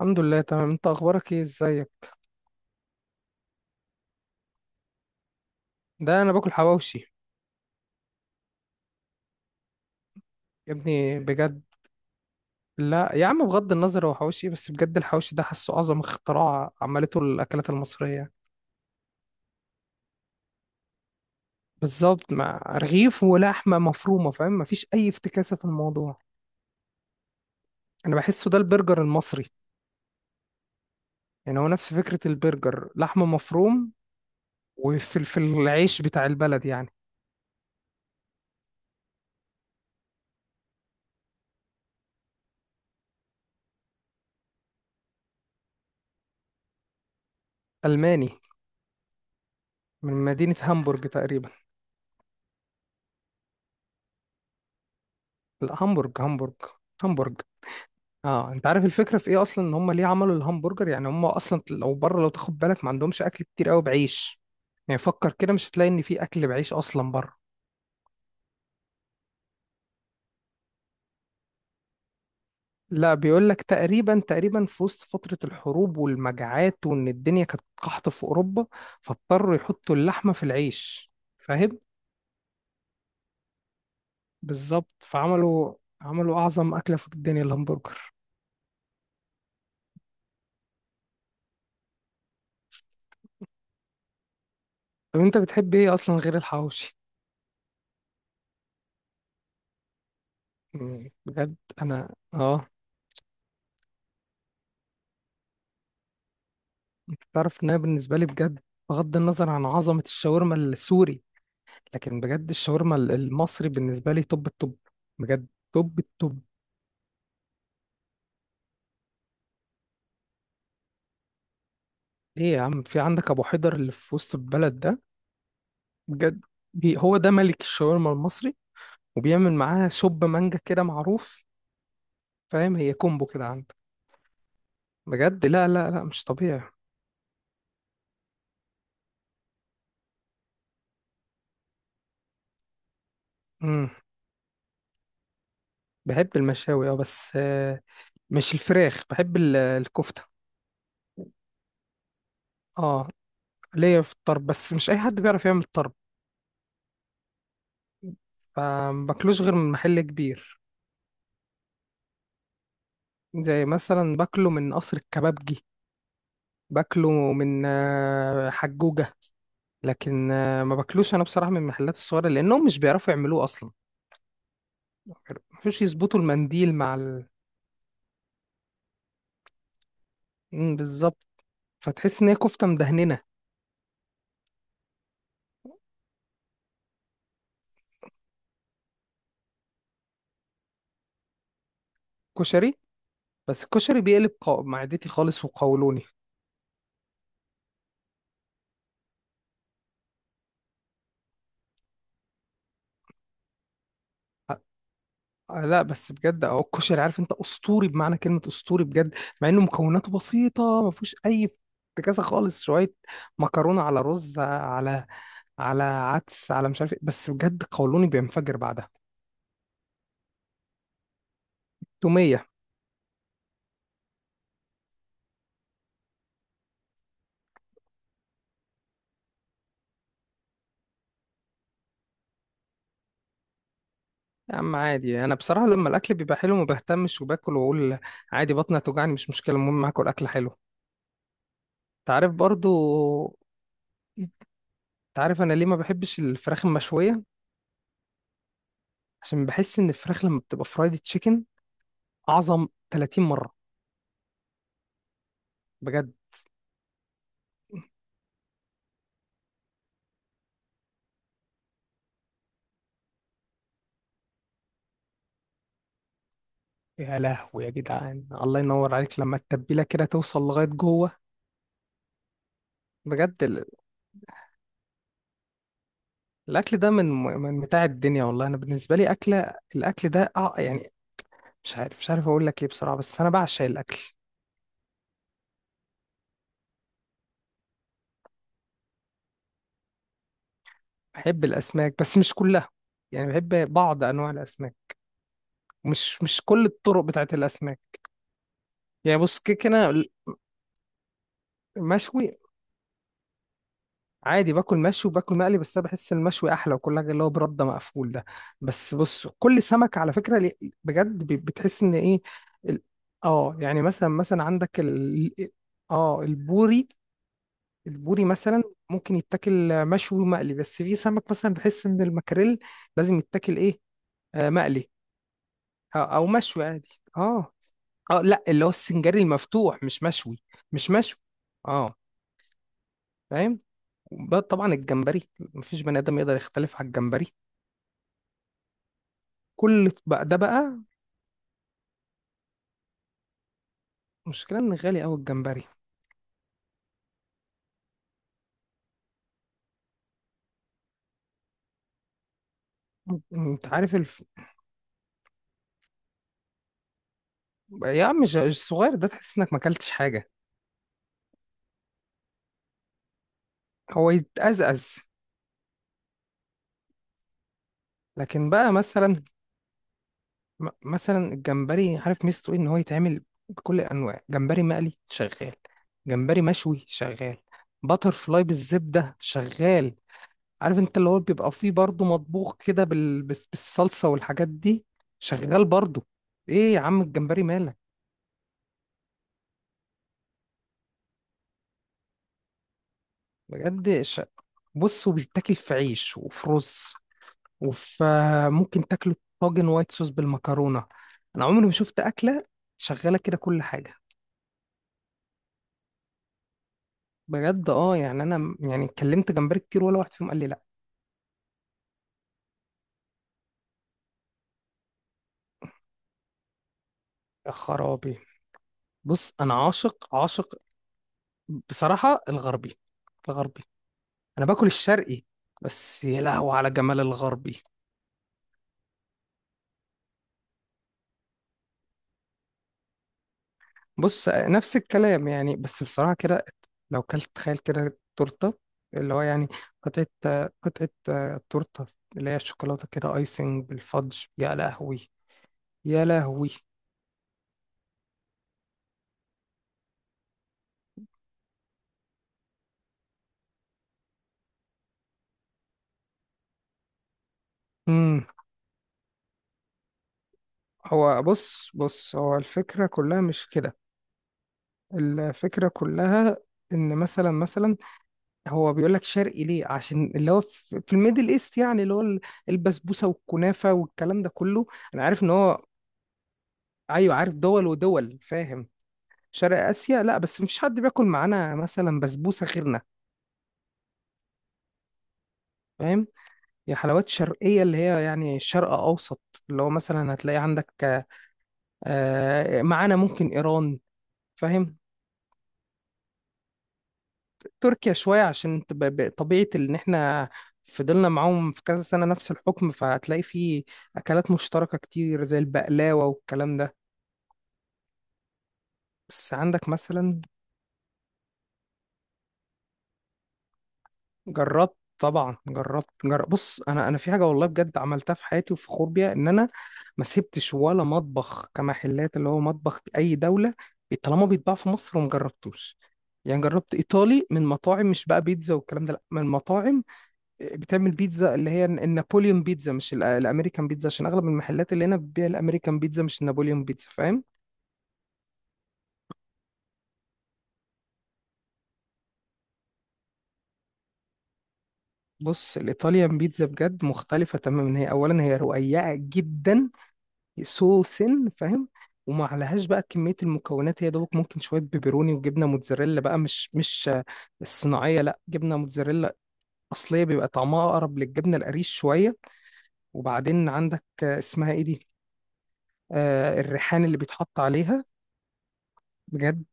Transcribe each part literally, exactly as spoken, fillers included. الحمد لله، تمام. انت اخبارك ايه؟ ازيك؟ ده انا باكل حواوشي. يا ابني، بجد. لا يا عم، بغض النظر هو حواوشي إيه، بس بجد الحواوشي ده حاسه اعظم اختراع عملته الاكلات المصريه. بالظبط، مع رغيف ولحمه مفرومه. فاهم؟ مفيش اي افتكاسه في الموضوع. انا بحسه ده البرجر المصري. يعني هو نفس فكره البرجر، لحمه مفروم وفلفل، العيش بتاع البلد يعني. الماني. من مدينه هامبورج تقريبا. لا، هامبورج هامبورج. هامبورج. اه، انت عارف الفكره في ايه اصلا؟ ان هم ليه عملوا الهمبرجر؟ يعني هم اصلا لو بره، لو تاخد بالك، ما عندهمش اكل كتير قوي بعيش. يعني فكر كده، مش هتلاقي ان في اكل بعيش اصلا بره. لا، بيقول لك تقريبا تقريبا في وسط فتره الحروب والمجاعات، وان الدنيا كانت قحط في اوروبا. فاضطروا يحطوا اللحمه في العيش. فاهم؟ بالظبط، فعملوا. عملوا اعظم اكله في الدنيا، الهمبرجر. طب انت بتحب ايه اصلا غير الحواوشي؟ مم، بجد. انا اه تعرف ان انا بالنسبه لي بجد، بغض النظر عن عظمه الشاورما السوري، لكن بجد الشاورما ال- المصري بالنسبه لي توب التوب. بجد. توب التوب. ليه يا عم؟ في عندك ابو حيدر اللي في وسط البلد ده. بجد. بي هو ده ملك الشاورما المصري. وبيعمل معاها شوب مانجا كده، معروف. فاهم؟ هي كومبو كده عندك. بجد، لا لا لا، مش طبيعي. امم. بحب المشاوي، اه، بس آه، مش الفراخ، بحب ال- الكفته. اه، ليا في الطرب، بس مش اي حد بيعرف يعمل طرب. فمباكلوش غير من محل كبير. زي مثلا باكله من قصر الكبابجي. باكله من آه، حجوجة. لكن آه، ما باكلوش انا بصراحة من المحلات الصغيرة، لانهم مش بيعرفوا يعملوه اصلا. مفيش يظبطوا المنديل مع ال... مم، بالظبط. فتحس ان هي كفتة مدهننة. كشري. بس الكشري بيقلب قو... معدتي خالص، وقولوني. آه لا بس بجد اهو الكشري، عارف انت، اسطوري بمعنى كلمة اسطوري، بجد. مع انه مكوناته بسيطة، ما فيهوش اي افتكاسة خالص، شوية مكرونة على رز، على على عدس، على مش عارف ايه، بس بجد قولوني بينفجر بعدها. تومية. يا عم عادي، انا بصراحة لما الاكل بيبقى حلو ما بهتمش، وباكل واقول عادي، بطني هتوجعني مش مشكلة، المهم هاكل اكل حلو. انت عارف برضو. انت عارف انا ليه ما بحبش الفراخ المشوية؟ عشان بحس ان الفراخ لما بتبقى فرايد تشيكن اعظم ثلاثين مرة. بجد. يا لهوي يا جدعان، الله ينور عليك، لما التتبيلة كده توصل لغاية جوه. بجد ال- الاكل ده من من متاع الدنيا، والله انا بالنسبة لي اكلة الاكل ده أع- يعني، مش عارف مش عارف اقول لك ايه بصراحه، بس انا بعشق الاكل. بحب الاسماك بس مش كلها. يعني بحب بعض انواع الاسماك. مش مش كل الطرق بتاعت الاسماك. يعني بص، كيك انا. مشوي. عادي باكل مشوي وباكل مقلي، بس انا بحس المشوي احلى، وكل حاجه اللي هو برده مقفول ده. بس بص، كل سمك على فكره ليه-. بجد ب- بتحس ان ايه. ال-. اه، يعني مثلا مثلا عندك ال... اه، البوري. البوري مثلا. ممكن يتاكل مشوي ومقلي، بس في سمك مثلا بحس ان المكاريل لازم يتاكل ايه؟ آه، مقلي. أو, او مشوي عادي. اه. اه، لا، اللي هو السنجاري المفتوح مش مشوي. مش مشوي. اه. فاهم؟ وبقى طبعا الجمبري، مفيش بني ادم يقدر يختلف على الجمبري. كل بقى ده بقى. مشكلة ان غالي قوي الجمبري. انت عارف الف... يا عم، مش الصغير ده، تحس انك ما اكلتش حاجة. هو يتأزأز. لكن بقى مثلا، م- مثلا الجمبري عارف ميزته ايه؟ ان هو يتعمل بكل انواع، جمبري مقلي شغال، جمبري مشوي شغال، باتر فلاي بالزبدة شغال. عارف انت اللي هو بيبقى فيه برضه مطبوخ كده بال... بس- بالصلصة والحاجات دي، شغال برضه. ايه يا عم الجمبري مالك؟ بجد ش... بص، وبيتاكل في عيش وفي رز وفي، ممكن تاكله طاجن وايت صوص بالمكرونة. انا عمري ما شفت أكلة شغالة كده كل حاجة. بجد، اه، يعني انا م- يعني اتكلمت جمبري كتير، ولا واحد فيهم قال لي لا. يا خرابي. بص، انا عاشق عاشق. بصراحة الغربي. الغربي. انا باكل الشرقي. بس يا لهوي على جمال الغربي. بص، نفس الكلام يعني، بس بصراحة كده، لو كلت تخيل كده تورتة، اللي هو يعني قطعة قطعة تورتة، اللي هي الشوكولاتة كده، ايسنج بالفادج، يا لهوي. يا لهوي. امم. هو بص بص، هو الفكرة كلها مش كده. الفكرة كلها ان مثلا مثلا هو بيقول لك شرقي ليه؟ عشان اللي هو في في الميدل ايست، يعني اللي هو ال-. البسبوسة والكنافة والكلام ده كله. انا عارف ان هو، ايوه، عارف دول ودول، فاهم. شرق اسيا؟ لا، بس مفيش حد بياكل معانا مثلا بسبوسه غيرنا. فاهم؟ هي حلوات شرقيه، اللي هي يعني شرق اوسط. اللي هو مثلا هتلاقي عندك آه، معانا ممكن ايران. فاهم؟ تركيا شويه عشان تب- ب- طبيعه ان احنا فضلنا معاهم في كذا سنه نفس الحكم، فهتلاقي فيه اكلات مشتركه كتير، زي البقلاوه والكلام ده. بس عندك مثلا. جربت طبعا، جربت جرب بص انا انا في حاجه والله بجد عملتها في حياتي وفخور بيها، ان انا ما سبتش ولا مطبخ كمحلات اللي هو مطبخ اي دوله، طالما بيتباع في مصر وما جربتوش. يعني جربت ايطالي من مطاعم، مش بقى بيتزا والكلام ده، لا، من مطاعم آه، بتعمل بيتزا اللي هي النابوليون بيتزا، مش ال- الامريكان بيتزا، عشان اغلب المحلات اللي هنا بتبيع الامريكان بيتزا مش النابوليون بيتزا. فاهم؟ بص، الايطاليان بيتزا بجد مختلفه تماما. هي اولا هي رقيقه جدا. سو سن، فاهم؟ وما عليهاش بقى كمية المكونات، هي دوبك ممكن شوية بيبروني وجبنة موتزاريلا بقى، مش مش آه، الصناعية لا، جبنة موتزاريلا أصلية، بيبقى طعمها أقرب للجبنة القريش شوية. وبعدين عندك آه، اسمها إيه دي؟ آه الريحان اللي بيتحط عليها. بجد.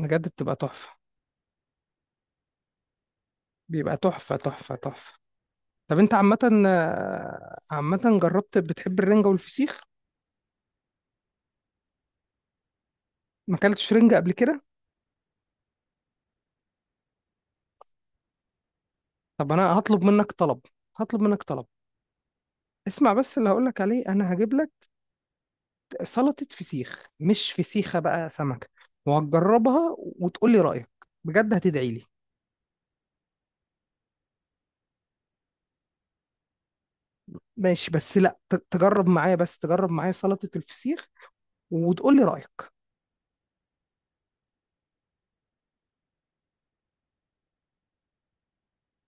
بجد بتبقى تحفة. بيبقى تحفة تحفة تحفة. طب أنت عامة، آه، عامة جربت؟ بتحب الرنجة والفسيخ؟ ما أكلتش رنجة قبل كده؟ طب أنا هطلب منك طلب. هطلب منك طلب. اسمع بس اللي هقولك عليه، أنا هجيب لك سلطة فسيخ، مش فسيخة بقى، سمك. وهتجربها وتقول لي رأيك. بجد هتدعي لي. ماشي بس، لا، ت- تجرب معايا بس تجرب معايا سلطة الفسيخ. وتقول لي رأيك.